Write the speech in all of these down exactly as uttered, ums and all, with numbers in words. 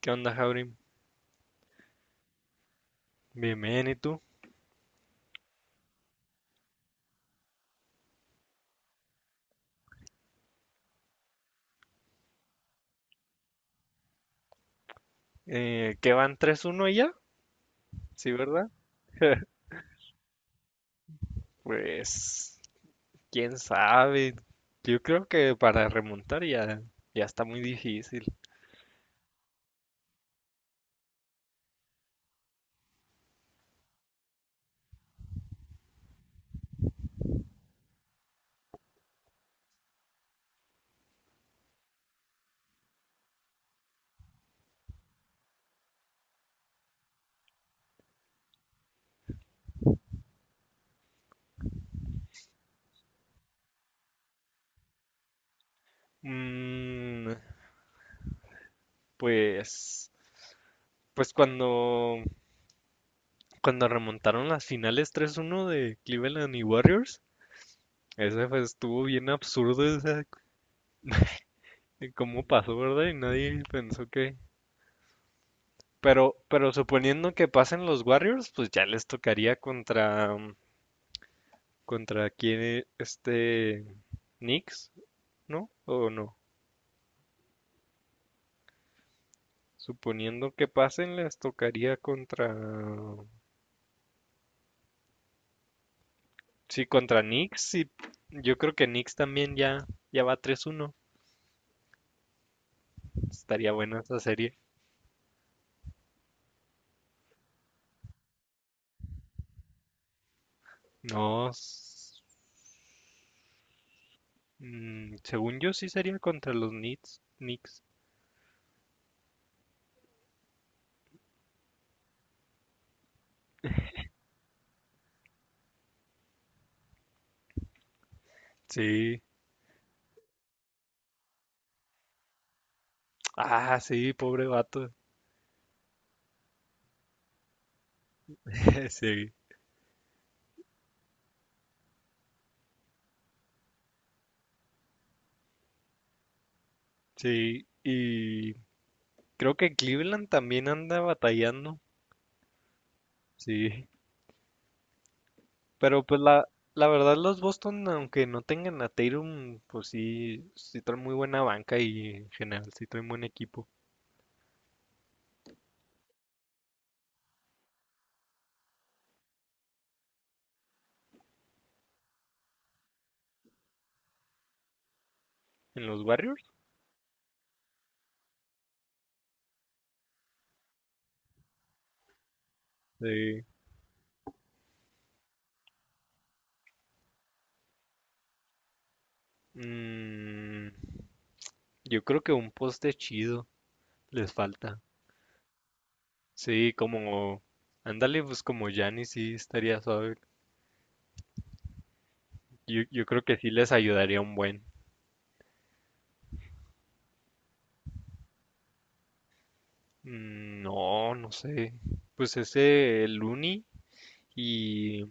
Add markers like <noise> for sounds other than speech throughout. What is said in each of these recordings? ¿Qué onda, Jaurim? Bien, bien, ¿y tú? Eh, ¿qué van tres uno ya? Sí, ¿verdad? Pues, quién sabe. Yo creo que para remontar ya, ya está muy difícil. Mm, pues, pues cuando, cuando remontaron las finales tres uno de Cleveland y Warriors, ese pues estuvo bien absurdo, o sea, c- cómo pasó, ¿verdad? Y nadie pensó que... Pero, pero suponiendo que pasen los Warriors, pues ya les tocaría contra... contra quién e-, este Knicks, ¿no? ¿O no? Suponiendo que pasen, les tocaría contra... Sí, contra Knicks, y yo creo que Knicks también ya, ya va tres uno. Estaría buena esa serie. No, s- mm, según yo sí sería contra los Knicks. Knicks. Sí. Ah, sí, pobre vato. <laughs> Sí, sí. Y creo que Cleveland también anda batallando. Sí. Pero pues la, la verdad, los Boston, aunque no tengan a Tatum, pues sí, sí traen muy buena banca y en general sí traen buen equipo. En los Warriors, sí. Mm, yo creo que un poste chido les falta. Sí, como, ándale, pues como Giannis sí estaría suave. Yo, yo creo que sí les ayudaría un buen. Mm. No, no sé. Pues ese Looney y...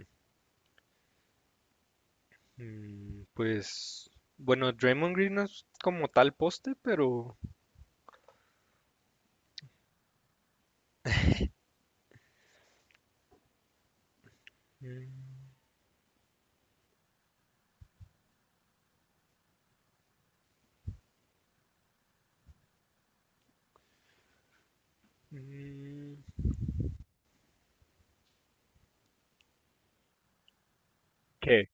Mm, Pues bueno, Draymond Green no es como tal poste, pero mm, ¿Qué?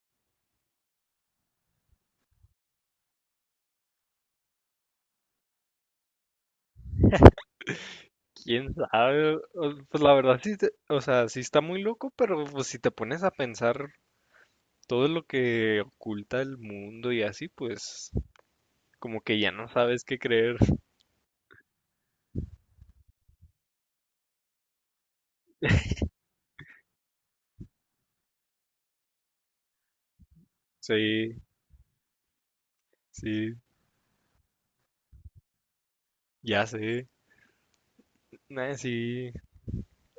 ¿Quién sabe? O- Pues la verdad sí, te- o sea, sí está muy loco, pero pues si te pones a pensar todo lo que oculta el mundo y así, pues como que ya no sabes qué creer. Sí, sí, ya sé. Nah, sí,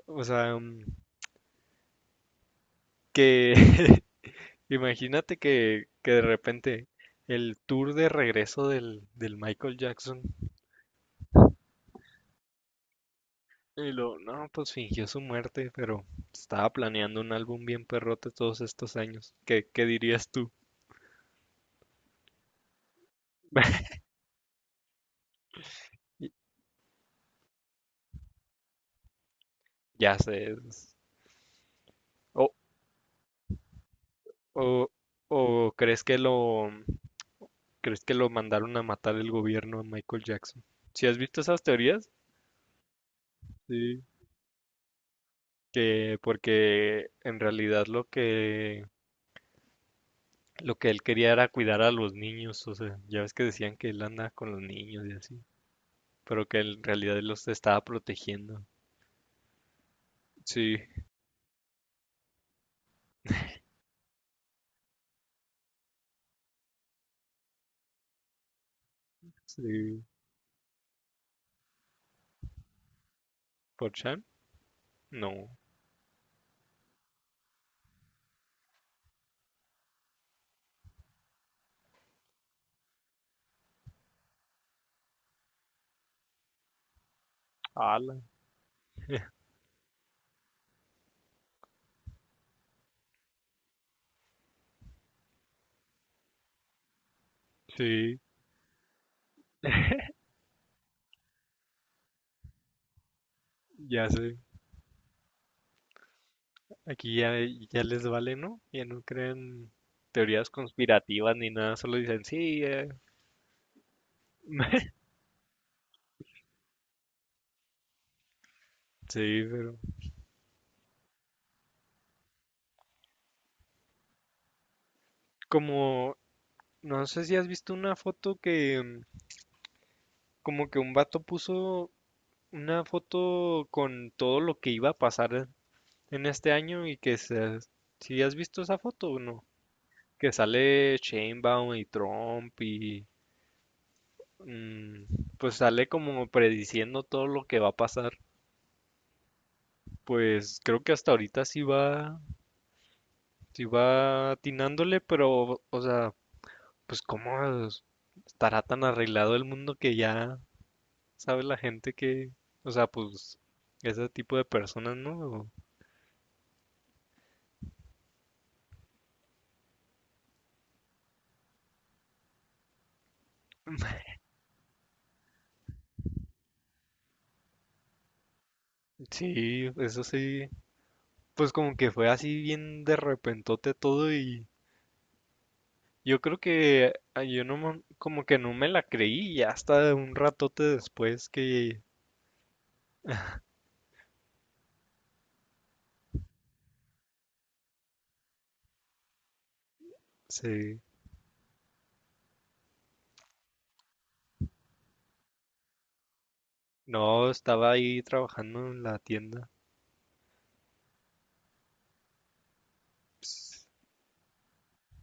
o sea, mm, que <laughs> imagínate que, que de repente el tour de regreso del, del Michael Jackson. Y lo, no, pues fingió su muerte, pero estaba planeando un álbum bien perrote todos estos años. ¿Qué, qué dirías tú? <laughs> Y- Ya sé. es- O, o, o crees que lo, crees que lo mandaron a matar el gobierno a Michael Jackson. ¿Si has visto esas teorías? Sí. Que porque en realidad lo que lo que él quería era cuidar a los niños, o sea, ya ves que decían que él anda con los niños y así, pero que en realidad él los estaba protegiendo. Sí, sí. ¿Por Chan? No. Ala. <laughs> Sí, ya sé. Aquí ya, ya les vale, ¿no? Ya no creen teorías conspirativas ni nada, solo dicen sí, eh". <laughs> Sí, pero como no sé si has visto una foto que... mm, Como que un vato puso una foto con todo lo que iba a pasar en este año y que se, si has visto esa foto o no, que sale Sheinbaum y Trump y... Mm, pues sale como prediciendo todo lo que va a pasar. Pues creo que hasta ahorita sí va, sí va, atinándole, pero, o sea, pues cómo estará tan arreglado el mundo que ya sabe la gente que, o sea, pues ese tipo de personas, ¿no? <laughs> Sí, eso sí, pues como que fue así bien de repentote todo, y yo creo que ah, yo no, mo- como que no me la creí ya hasta un ratote después que se... No, estaba ahí trabajando en la tienda. Ps,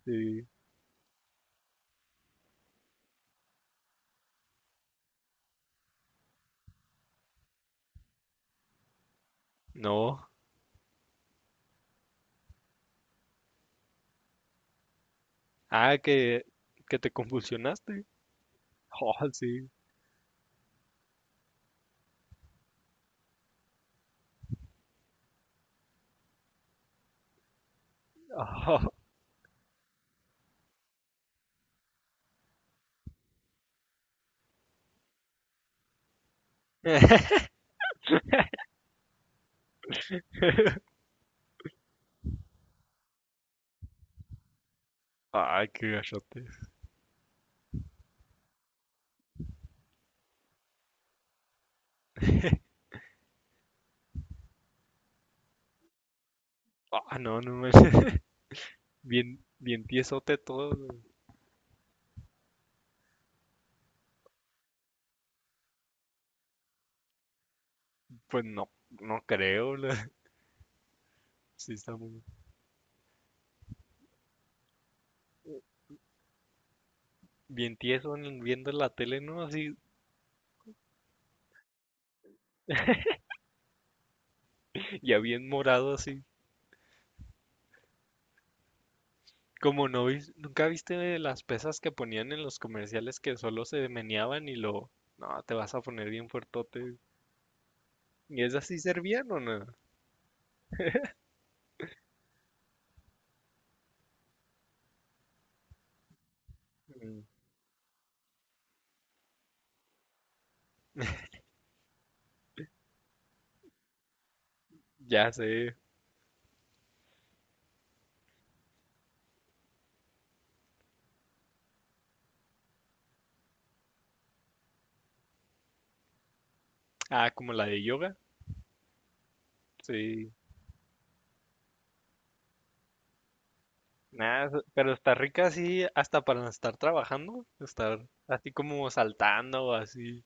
sí. No. Ah, que, que te convulsionaste. Ah, sí. Ah. <laughs> Ay, qué gachote. Ah, no, no me. <laughs> Bien, bien tiesote todo. Pues no, no creo. la- <laughs> Sí, está muy. Bien tieso en- viendo la tele, ¿no? Así, ya bien morado, así. Como no vis- ¿nunca viste las pesas que ponían en los comerciales que solo se meneaban y lo? No, te vas a poner bien fuertote. ¿Y esas sí servían o no? Mm. Ya sé. Ah, como la de yoga. Sí. Nada, pero está rica así hasta para estar trabajando, estar así como saltando o así.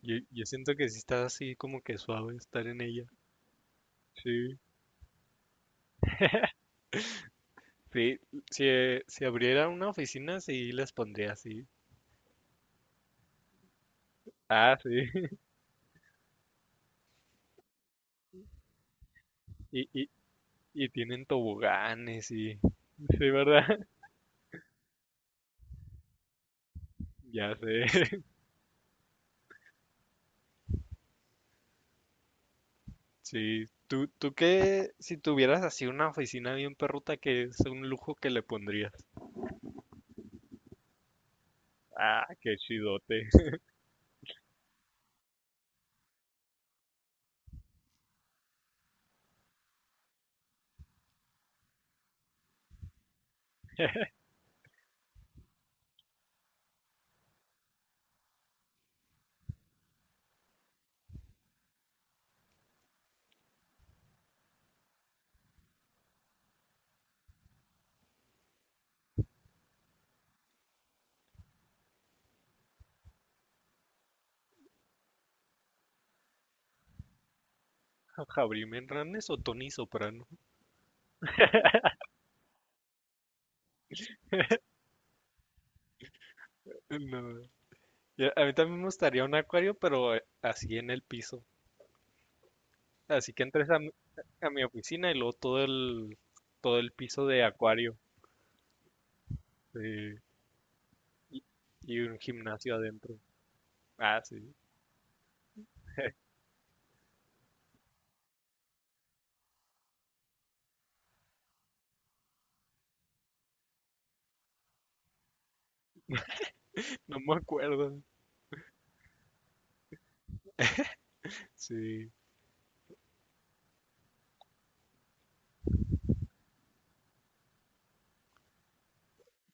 Yo, yo siento que sí está así como que suave estar en ella. Sí. Sí, si, eh, si abriera una oficina, sí les pondría así. Ah, sí. <laughs> Y, y, y tienen toboganes y... Sí, ¿verdad? <laughs> Ya sé. Sí, tú, tú qué, si tuvieras así una oficina bien perruta, que es un lujo que le pondrías? Ah, qué chidote. <laughs> Javier Menranes o Tony Soprano. <laughs> No. Ya, a mí también me gustaría un acuario, pero eh, así en el piso. Así que entres a, mi a mi oficina y luego todo el, todo el piso de acuario. Sí, y, y un gimnasio adentro. Ah, sí. No me acuerdo. Sí.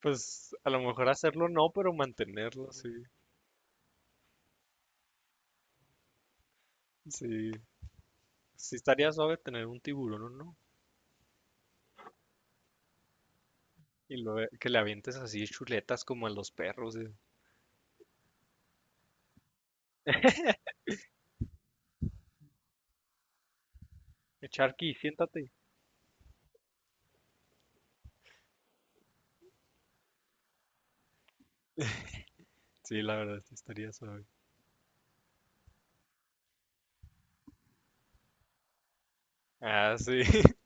Pues a lo mejor hacerlo no, pero mantenerlo, sí. Sí. Sí estaría suave tener un tiburón, ¿o no? Y luego que le avientes así chuletas como a los perros. eh. Eh, Sharky, siéntate. Sí, la verdad, sí estaría suave. Ah, sí. <laughs>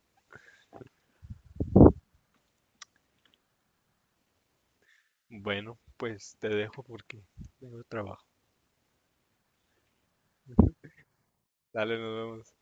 Bueno, pues te dejo porque tengo trabajo. Dale, nos vemos.